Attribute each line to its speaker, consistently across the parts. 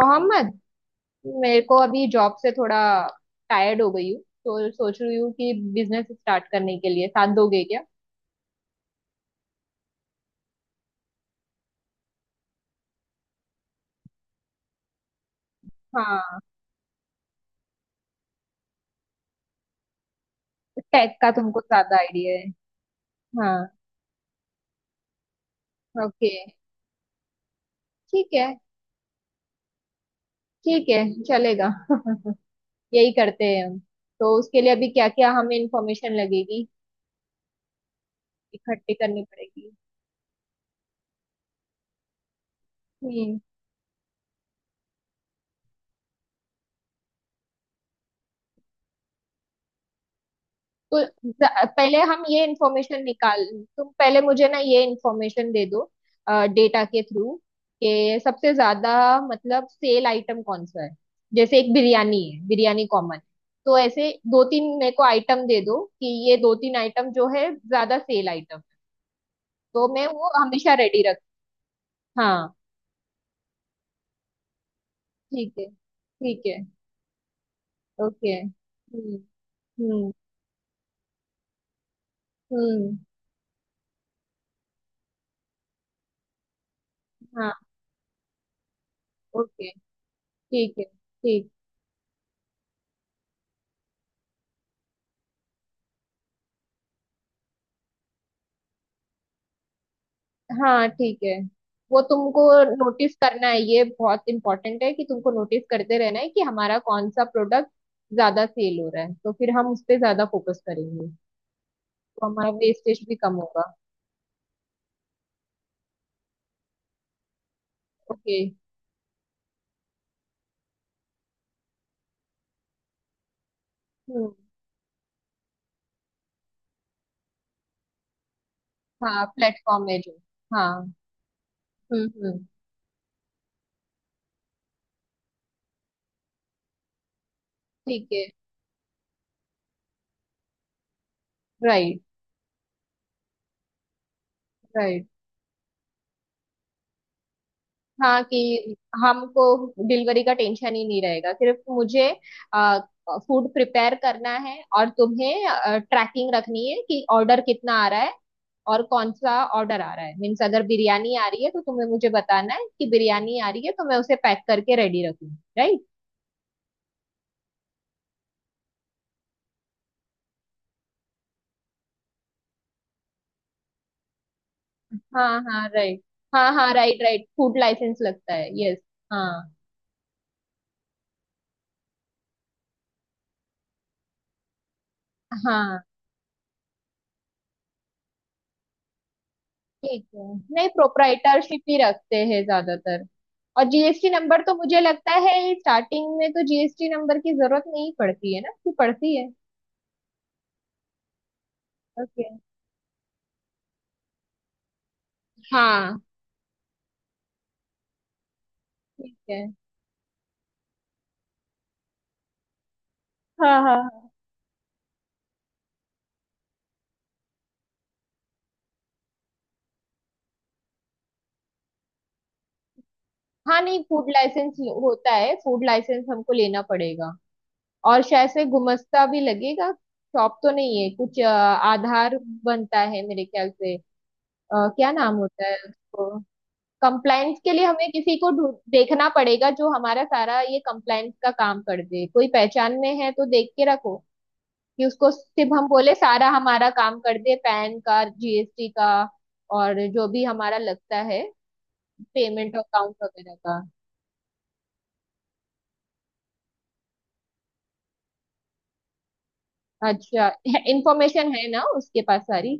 Speaker 1: मोहम्मद, मेरे को अभी जॉब से थोड़ा टायर्ड हो गई हूँ तो सोच रही हूँ कि बिजनेस स्टार्ट करने के लिए साथ दोगे क्या। हाँ। टेक का तुमको ज्यादा आइडिया है। हाँ। ओके। ठीक है। ठीक है। चलेगा यही करते हैं हम। तो उसके लिए अभी क्या क्या हमें इंफॉर्मेशन लगेगी, इकट्ठी करनी पड़ेगी। हम्म। तो पहले हम ये इंफॉर्मेशन निकाल। तुम पहले मुझे ना ये इंफॉर्मेशन दे दो, डेटा के थ्रू, कि सबसे ज्यादा मतलब सेल आइटम कौन सा है। जैसे एक बिरयानी है, बिरयानी कॉमन। तो ऐसे दो तीन मेरे को आइटम दे दो कि ये दो तीन आइटम जो है ज्यादा सेल आइटम, तो मैं वो हमेशा रेडी रख हाँ, ठीक है। ठीक है। ओके। हम्म। हम्म। हम्म। हाँ। ओके। ठीक है। ठीक। हाँ, ठीक है। वो तुमको नोटिस करना है, ये बहुत इम्पोर्टेंट है कि तुमको नोटिस करते रहना है कि हमारा कौन सा प्रोडक्ट ज्यादा सेल हो रहा है, तो फिर हम उस पे ज्यादा फोकस करेंगे तो हमारा वेस्टेज भी कम होगा। ओके। हम्म। हाँ, प्लेटफॉर्म है जो। हाँ। हम्म। हम्म। ठीक है। राइट। राइट। हाँ, कि हमको डिलीवरी का टेंशन ही नहीं रहेगा। सिर्फ मुझे फूड प्रिपेयर करना है और तुम्हें ट्रैकिंग रखनी है कि ऑर्डर कितना आ रहा है और कौन सा ऑर्डर आ रहा है। मीन्स अगर बिरयानी आ रही है तो तुम्हें मुझे बताना है कि बिरयानी आ रही है, तो मैं उसे पैक करके रेडी रखूँ। राइट। हाँ हाँ, राइट। हाँ हाँ, राइट राइट। फूड लाइसेंस लगता है, यस। हाँ। हाँ, ठीक है। नहीं, प्रोप्राइटरशिप ही रखते हैं ज्यादातर। और जीएसटी नंबर तो मुझे लगता है स्टार्टिंग में तो जीएसटी नंबर की जरूरत नहीं पड़ती है, ना कि पड़ती है। ओके। हाँ। ठीक है। हाँ हाँ हाँ। हाँ, नहीं फूड लाइसेंस होता है, फूड लाइसेंस हमको लेना पड़ेगा। और शायद से गुमस्ता भी लगेगा, शॉप तो नहीं है। कुछ आधार बनता है मेरे ख्याल से। क्या नाम होता है उसको। कंप्लाइंस के लिए हमें किसी को ढूंढ देखना पड़ेगा जो हमारा सारा ये कंप्लाइंस का काम कर दे। कोई पहचान में है तो देख के रखो कि उसको सिर्फ हम बोले, सारा हमारा काम कर दे पैन का, जीएसटी का और जो भी हमारा लगता है, पेमेंट अकाउंट वगैरह का। अच्छा, इंफॉर्मेशन है ना उसके पास सारी।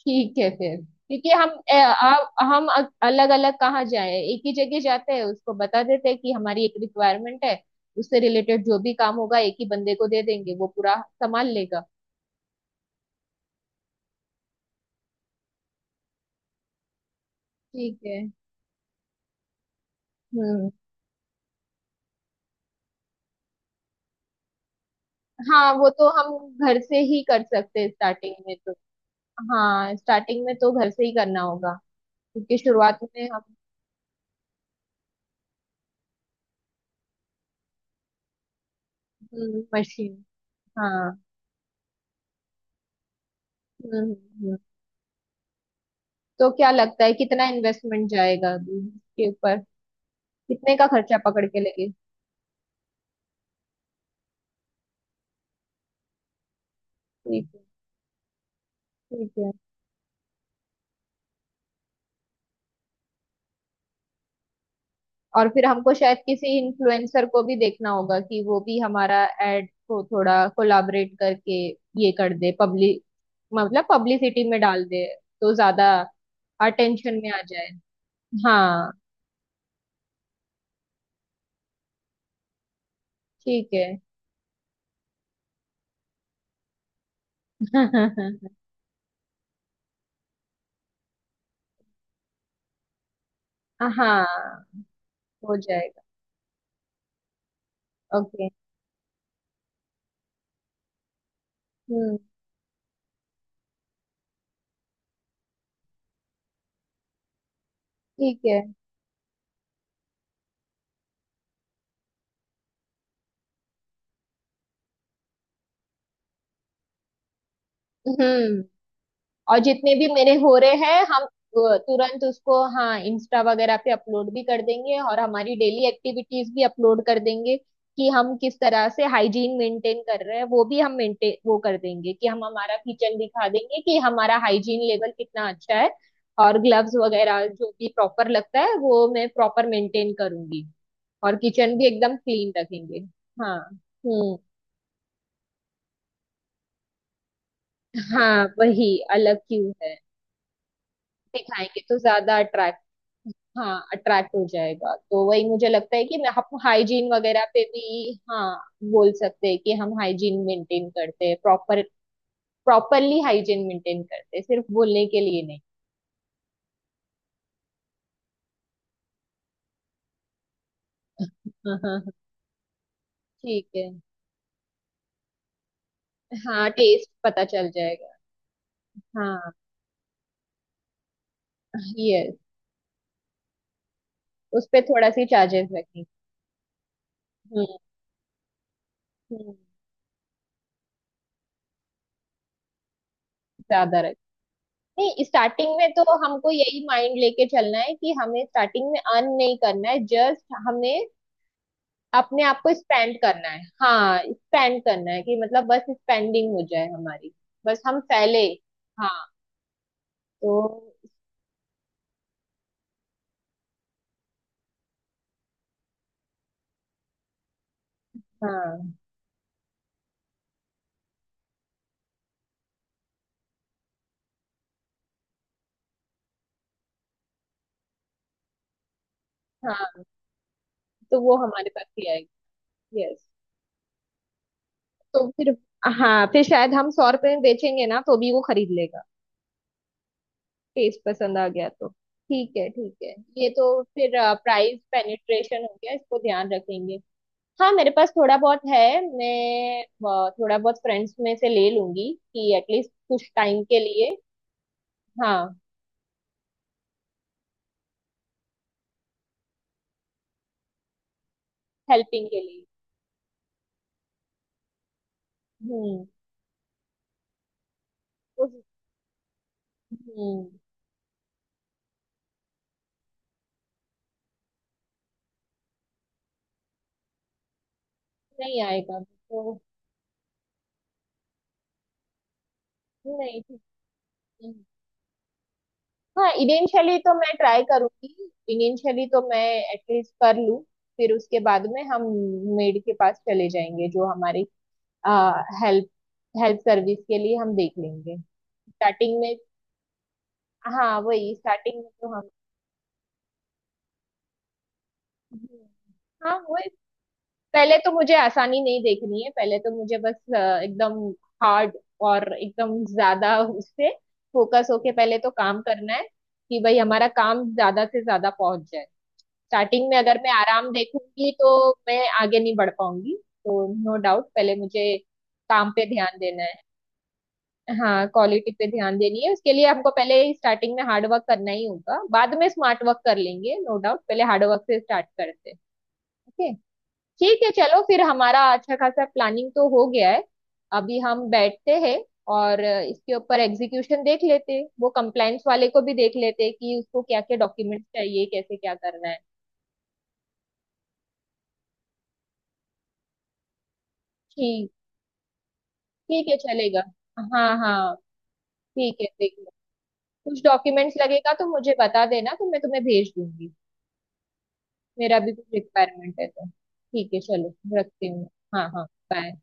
Speaker 1: ठीक है। फिर क्योंकि हम अलग अलग कहाँ जाए, एक ही जगह जाते हैं, उसको बता देते हैं कि हमारी एक रिक्वायरमेंट है। उससे रिलेटेड जो भी काम होगा एक ही बंदे को दे देंगे, वो पूरा संभाल लेगा। ठीक है। हम्म। हाँ, वो तो हम घर से ही कर सकते हैं स्टार्टिंग में तो। हाँ, स्टार्टिंग में तो घर से ही करना होगा क्योंकि शुरुआत में हम... मशीन। हाँ। हम्म। हम्म। हम्म। तो क्या लगता है कितना इन्वेस्टमेंट जाएगा इसके ऊपर, कितने का खर्चा पकड़ के लगे। ठीक है। ठीक है। और फिर हमको शायद किसी इन्फ्लुएंसर को भी देखना होगा कि वो भी हमारा एड को थोड़ा कोलाबरेट करके ये कर दे, पब्लिक मतलब पब्लिसिटी में डाल दे तो ज्यादा अटेंशन में आ जाए। हाँ। ठीक है। हाँ, हो जाएगा। ओके। हम्म। ठीक है। हम्म। और जितने भी मेरे हो रहे हैं हम तुरंत उसको, हाँ, इंस्टा वगैरह पे अपलोड भी कर देंगे और हमारी डेली एक्टिविटीज भी अपलोड कर देंगे कि हम किस तरह से हाइजीन मेंटेन कर रहे हैं। वो भी हम मेंटेन वो कर देंगे कि हम हमारा किचन दिखा देंगे कि हमारा हाइजीन लेवल कितना अच्छा है। और ग्लव्स वगैरह जो भी प्रॉपर लगता है वो मैं प्रॉपर मेंटेन करूंगी और किचन भी एकदम क्लीन रखेंगे। हाँ। हम्म। हाँ, वही, अलग क्यों है। दिखाएंगे तो ज्यादा अट्रैक्ट। हाँ, अट्रैक्ट हो जाएगा तो वही मुझे लगता है कि हम हाइजीन वगैरह पे भी, हाँ, बोल सकते हैं कि हम हाइजीन मेंटेन करते हैं, प्रॉपर, प्रॉपरली हाइजीन मेंटेन करते हैं, सिर्फ बोलने के लिए नहीं। हाँ हाँ हाँ, ठीक है। हाँ, टेस्ट पता चल जाएगा। हाँ, यस। उस पे थोड़ा सी चार्जेस लगेंगे। हम्म। हम्म, ज्यादा। नहीं, स्टार्टिंग में तो हमको यही माइंड लेके चलना है कि हमें स्टार्टिंग में अर्न नहीं करना है, जस्ट हमें अपने आप को स्पेंड करना है। हाँ, स्पेंड करना है, कि मतलब बस स्पेंडिंग हो जाए हमारी, बस हम फैले। हाँ। तो, हाँ। हाँ, तो वो हमारे पास ही आएगी। यस। तो फिर, हाँ, फिर शायद हम सौ रुपए में बेचेंगे ना तो भी वो खरीद लेगा, टेस्ट पसंद आ गया तो। ठीक है। ठीक है, ये तो। फिर प्राइस पेनिट्रेशन हो गया, इसको ध्यान रखेंगे। हाँ, मेरे पास थोड़ा बहुत है। मैं थोड़ा बहुत फ्रेंड्स में से ले लूंगी कि एटलीस्ट कुछ टाइम के लिए। हाँ, हेल्पिंग के लिए। हम्म। उस- हम्म। नहीं आएगा तो। नहीं, ठीक है। हाँ, इनिशियली तो मैं ट्राई करूंगी, इनिशियली तो मैं एटलीस्ट कर लूँ। फिर उसके बाद में हम मेड के पास चले जाएंगे जो हमारी हेल्प, हेल्प सर्विस के लिए हम देख लेंगे स्टार्टिंग में। हाँ, वही स्टार्टिंग में तो हम। हम्म, हाँ, वो पहले तो मुझे आसानी नहीं देखनी है, पहले तो मुझे बस एकदम हार्ड और एकदम ज्यादा उससे फोकस होके पहले तो काम करना है कि भाई हमारा काम ज्यादा से ज्यादा पहुंच जाए। स्टार्टिंग में अगर मैं आराम देखूंगी तो मैं आगे नहीं बढ़ पाऊंगी। तो नो डाउट, पहले मुझे काम पे ध्यान देना है। हाँ, क्वालिटी पे ध्यान देनी है, उसके लिए हमको पहले स्टार्टिंग में हार्ड वर्क करना ही होगा, बाद में स्मार्ट वर्क कर लेंगे। नो डाउट, पहले हार्ड वर्क से स्टार्ट करते हैं। ओके। ठीक है, चलो फिर हमारा अच्छा खासा प्लानिंग तो हो गया है। अभी हम बैठते हैं और इसके ऊपर एग्जीक्यूशन देख लेते हैं। वो कंप्लायंस वाले को भी देख लेते हैं कि उसको क्या क्या डॉक्यूमेंट्स चाहिए, कैसे क्या करना है। ठीक। ठीक है, चलेगा। हाँ हाँ। ठीक है, देख लो। कुछ डॉक्यूमेंट्स लगेगा तो मुझे बता देना तो मैं तुम्हें भेज दूंगी। मेरा भी कुछ रिक्वायरमेंट है तो ठीक है, चलो, रखती हूँ। हाँ हाँ। बाय।